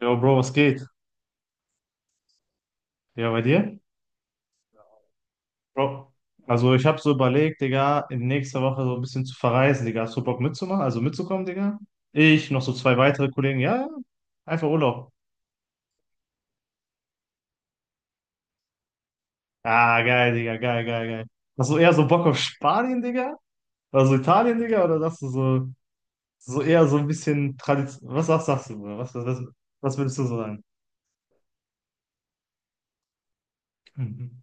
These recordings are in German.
Jo, Bro, was geht? Ja, bei dir? Bro, also ich habe so überlegt, Digga, in nächster Woche so ein bisschen zu verreisen, Digga. Hast du Bock mitzumachen? Also mitzukommen, Digga? Ich, noch so zwei weitere Kollegen. Ja, ja. Einfach Urlaub. Ah, geil, Digga, geil, geil, geil. Hast du eher so Bock auf Spanien, Digga? Oder so Italien, Digga? Oder sagst du so, so eher so ein bisschen Tradition? Was sagst du, Bruder? Was würdest du so sagen? Mhm.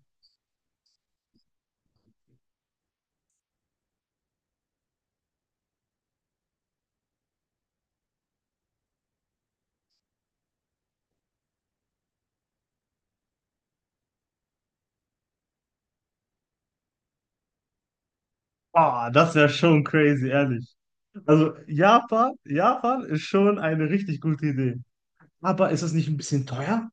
Ah, das wäre schon crazy, ehrlich. Also Japan, Japan ist schon eine richtig gute Idee. Aber ist es nicht ein bisschen teuer?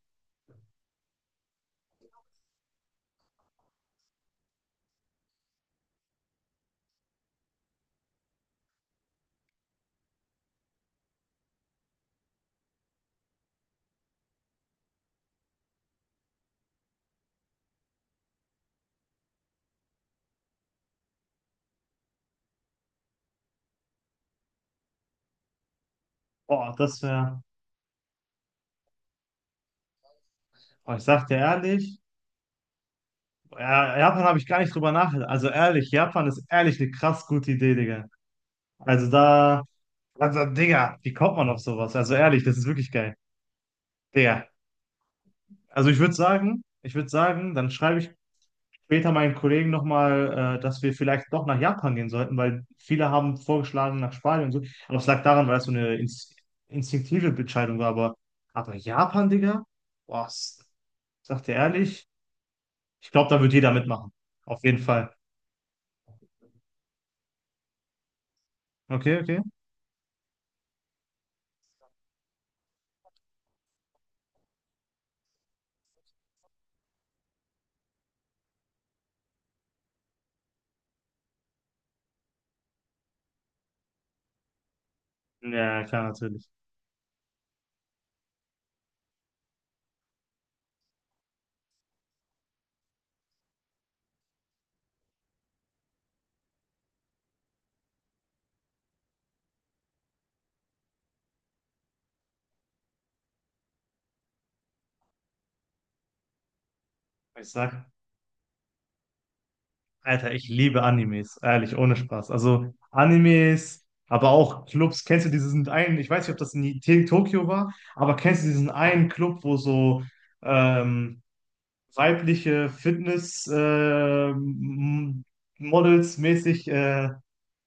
Boah, das wäre. Boah, ich sag dir ehrlich, ja, Japan habe ich gar nicht drüber nachgedacht. Also ehrlich, Japan ist ehrlich eine krass gute Idee, Digga. Also da. Also, Digga, wie kommt man auf sowas? Also ehrlich, das ist wirklich geil. Digga. Also ich würde sagen, dann schreibe ich später meinen Kollegen nochmal, dass wir vielleicht doch nach Japan gehen sollten, weil viele haben vorgeschlagen nach Spanien und so. Aber es lag daran, weil es so eine instinktive Entscheidung war. Aber Japan, Digga? Was? Sagt ihr ehrlich? Ich glaube, da wird jeder mitmachen. Auf jeden Fall. Okay, okay. Ja, klar, natürlich. Ich sag, Alter, ich liebe Animes. Ehrlich, ohne Spaß. Also Animes, aber auch Clubs. Kennst du diesen einen, ich weiß nicht, ob das in Tokio war, aber kennst du diesen einen Club, wo so, ähm, weibliche Fitness Models mäßig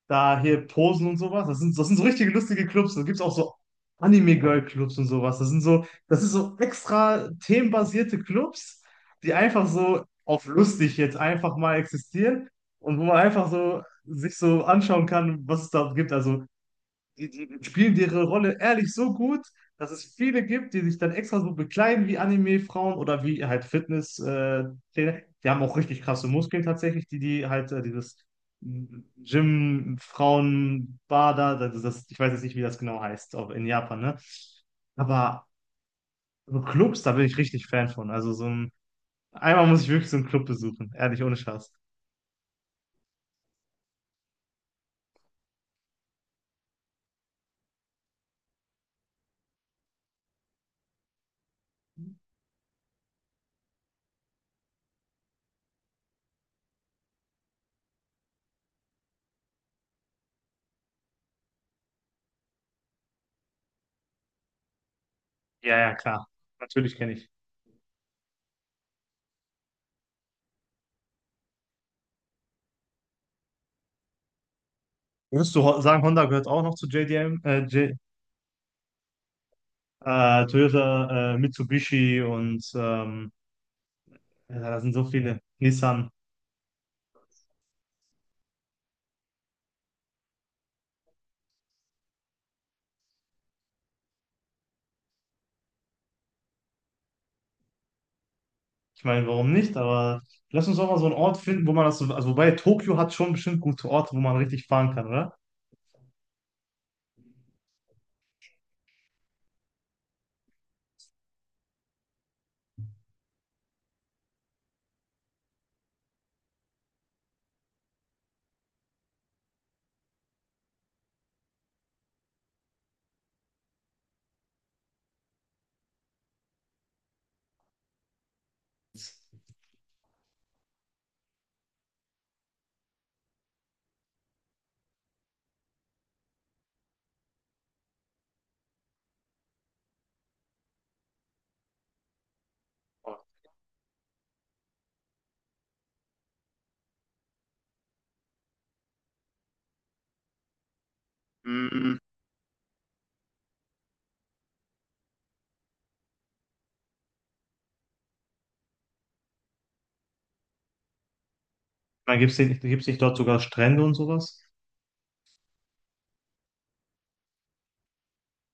da hier posen und sowas. Das sind so richtige lustige Clubs. Da gibt es auch so Anime-Girl-Clubs und sowas. Das sind so, das ist so extra themenbasierte Clubs, die einfach so auf lustig jetzt einfach mal existieren und wo man einfach so sich so anschauen kann, was es da gibt. Also die spielen ihre Rolle ehrlich so gut, dass es viele gibt, die sich dann extra so bekleiden wie Anime-Frauen oder wie halt Fitness-Trainer. Die haben auch richtig krasse Muskeln tatsächlich, die halt dieses Gym-Frauen-Bader, das, ist das, ich weiß jetzt nicht, wie das genau heißt, auch in Japan, ne? Aber so Clubs, da bin ich richtig Fan von. Also einmal muss ich wirklich so einen Club besuchen, ehrlich, ohne Spaß. Ja, ja, klar. Natürlich kenne ich. Würdest du sagen, Honda gehört auch noch zu JDM, J Toyota, Mitsubishi und ja, da sind so viele. Nissan. Ich meine, warum nicht? Aber lass uns auch mal so einen Ort finden, wo man das so, also wobei Tokio hat schon bestimmt gute Orte, wo man richtig fahren kann, oder? Mm, man gibt es nicht, gibt's nicht dort sogar Strände und sowas?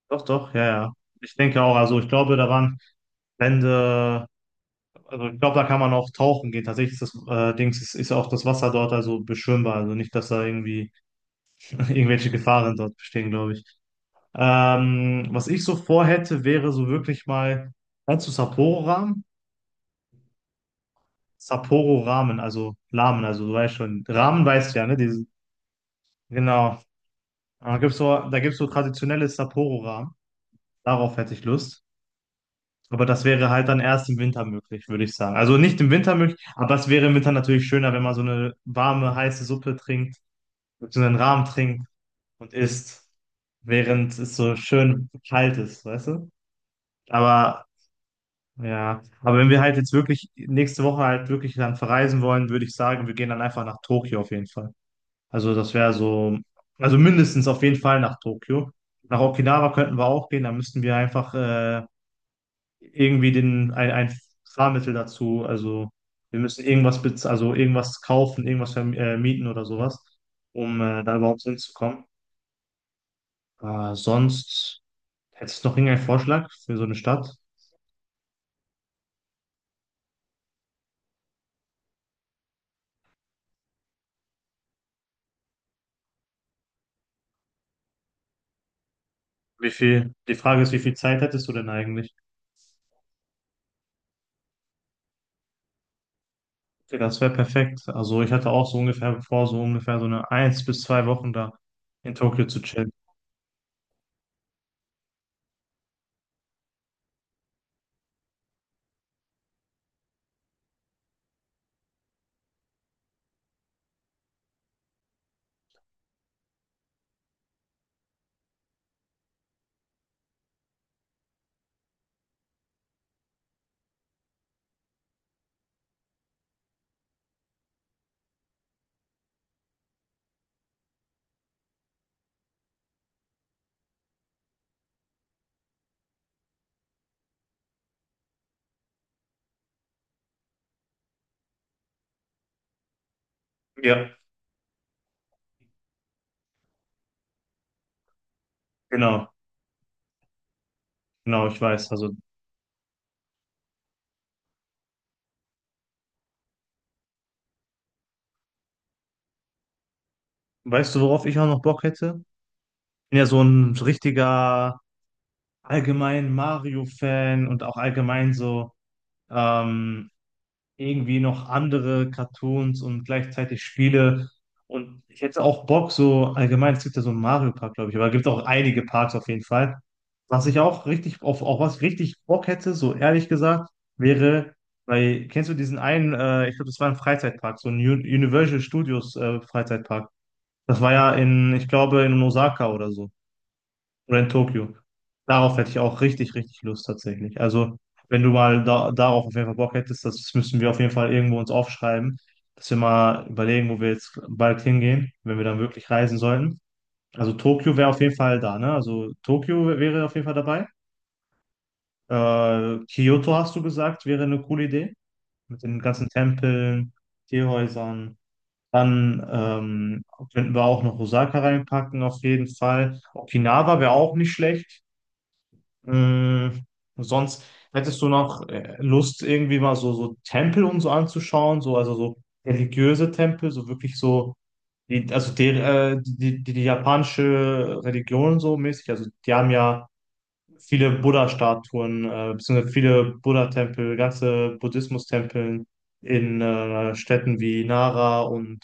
Doch, doch, ja, ja. Ich denke auch, also ich glaube, da waren Strände, also ich glaube, da kann man auch tauchen gehen. Tatsächlich ist das Dings, ist auch das Wasser dort also beschwimmbar, also nicht, dass da irgendwie irgendwelche Gefahren dort bestehen, glaube ich. Was ich so vorhätte, wäre so wirklich mal, kennst du Sapporo-Ramen? Sapporo-Ramen, also Ramen, also du weißt schon, Ramen weißt du ja, ne? Diese, genau. Da gibt's so traditionelle Sapporo-Ramen. Darauf hätte ich Lust. Aber das wäre halt dann erst im Winter möglich, würde ich sagen. Also nicht im Winter möglich, aber es wäre im Winter natürlich schöner, wenn man so eine warme, heiße Suppe trinkt, so einen Ramen trinkt und isst, während es so schön kalt ist, weißt du? Aber ja, aber wenn wir halt jetzt wirklich nächste Woche halt wirklich dann verreisen wollen, würde ich sagen, wir gehen dann einfach nach Tokio auf jeden Fall. Also das wäre so, also mindestens auf jeden Fall nach Tokio. Nach Okinawa könnten wir auch gehen, da müssten wir einfach irgendwie ein Fahrmittel dazu, also wir müssen irgendwas, also irgendwas kaufen, irgendwas mieten oder sowas, um da überhaupt hinzukommen. Sonst hättest du noch irgendeinen Vorschlag für so eine Stadt? Wie viel, die Frage ist, wie viel Zeit hättest du denn eigentlich? Okay, das wäre perfekt. Also ich hatte auch so ungefähr vor, so ungefähr so eine eins bis zwei Wochen da in Tokio zu chillen. Ja, genau, genau, ich weiß. Also weißt du, worauf ich auch noch Bock hätte? Bin ja so ein richtiger allgemein Mario-Fan und auch allgemein so ähm, irgendwie noch andere Cartoons und gleichzeitig Spiele. Und ich hätte auch Bock, so allgemein, es gibt ja so einen Mario-Park, glaube ich, aber es gibt auch einige Parks auf jeden Fall. Was ich auch richtig, auf was ich richtig Bock hätte, so ehrlich gesagt, wäre, weil, kennst du diesen einen, ich glaube, das war ein Freizeitpark, so ein Universal Studios Freizeitpark. Das war ja in, ich glaube, in Osaka oder so. Rent Tokyo. Darauf hätte ich auch richtig, richtig Lust tatsächlich. Also, wenn du mal da, darauf auf jeden Fall Bock hättest, das müssen wir auf jeden Fall irgendwo uns aufschreiben, dass wir mal überlegen, wo wir jetzt bald hingehen, wenn wir dann wirklich reisen sollten. Also, Tokio wäre auf jeden Fall da, ne? Also, Tokio wäre auf jeden Fall dabei. Kyoto hast du gesagt, wäre eine coole Idee. Mit den ganzen Tempeln, Teehäusern. Dann könnten wir auch noch Osaka reinpacken, auf jeden Fall. Okinawa wäre auch nicht schlecht. Hm, sonst hättest du noch Lust, irgendwie mal so, so Tempel und so anzuschauen, so, also so religiöse Tempel, so wirklich so, die, also die, die japanische Religion so mäßig, also die haben ja viele Buddha-Statuen, beziehungsweise viele Buddha-Tempel, ganze Buddhismus-Tempel in Städten wie Nara und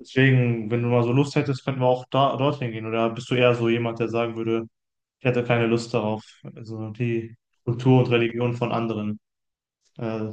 deswegen, wenn du mal so Lust hättest, könnten wir auch da, dorthin gehen, oder bist du eher so jemand, der sagen würde, ich hatte keine Lust darauf, also die Kultur und Religion von anderen. Äh,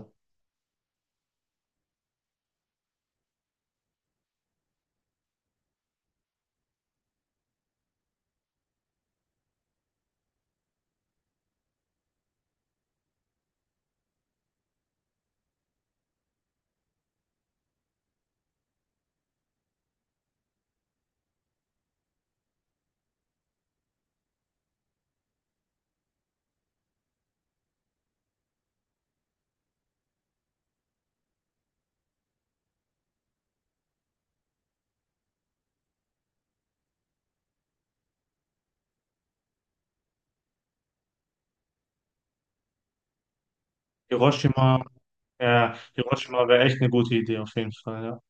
Hiroshima, ja, Hiroshima wäre echt eine gute Idee auf jeden Fall, ja.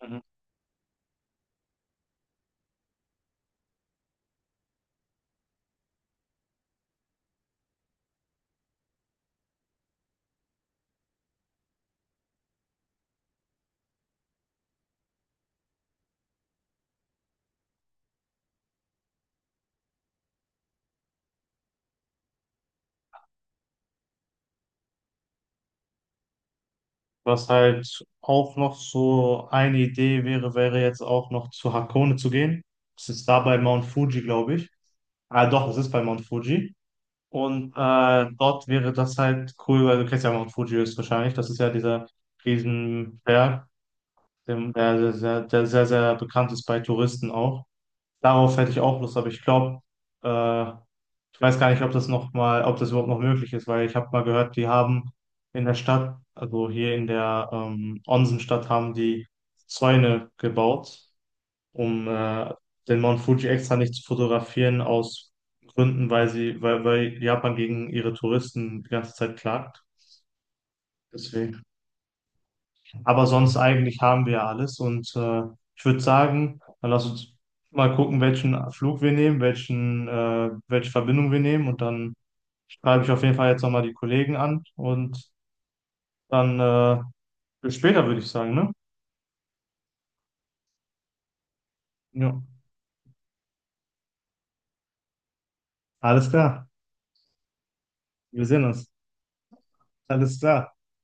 Mhm. Was halt auch noch so eine Idee wäre, wäre jetzt auch noch zu Hakone zu gehen. Das ist da bei Mount Fuji, glaube ich. Ah, doch, es ist bei Mount Fuji. Und dort wäre das halt cool, weil du kennst ja Mount Fuji höchstwahrscheinlich. Das ist ja dieser Riesenberg, der sehr, sehr bekannt ist bei Touristen auch. Darauf hätte ich auch Lust, aber ich glaube, äh, ich weiß gar nicht, ob das noch mal, ob das überhaupt noch möglich ist, weil ich habe mal gehört, die haben in der Stadt, also hier in der Onsenstadt, haben die Zäune gebaut, um den Mount Fuji extra nicht zu fotografieren aus Gründen, weil sie, weil Japan gegen ihre Touristen die ganze Zeit klagt. Deswegen. Aber sonst eigentlich haben wir ja alles. Und ich würde sagen, dann lass uns mal gucken, welchen Flug wir nehmen, welchen, welche Verbindung wir nehmen. Und dann schreibe ich auf jeden Fall jetzt nochmal die Kollegen an. Und dann bis später, würde ich sagen, ne? Ja. Alles klar. Wir sehen uns. Alles klar.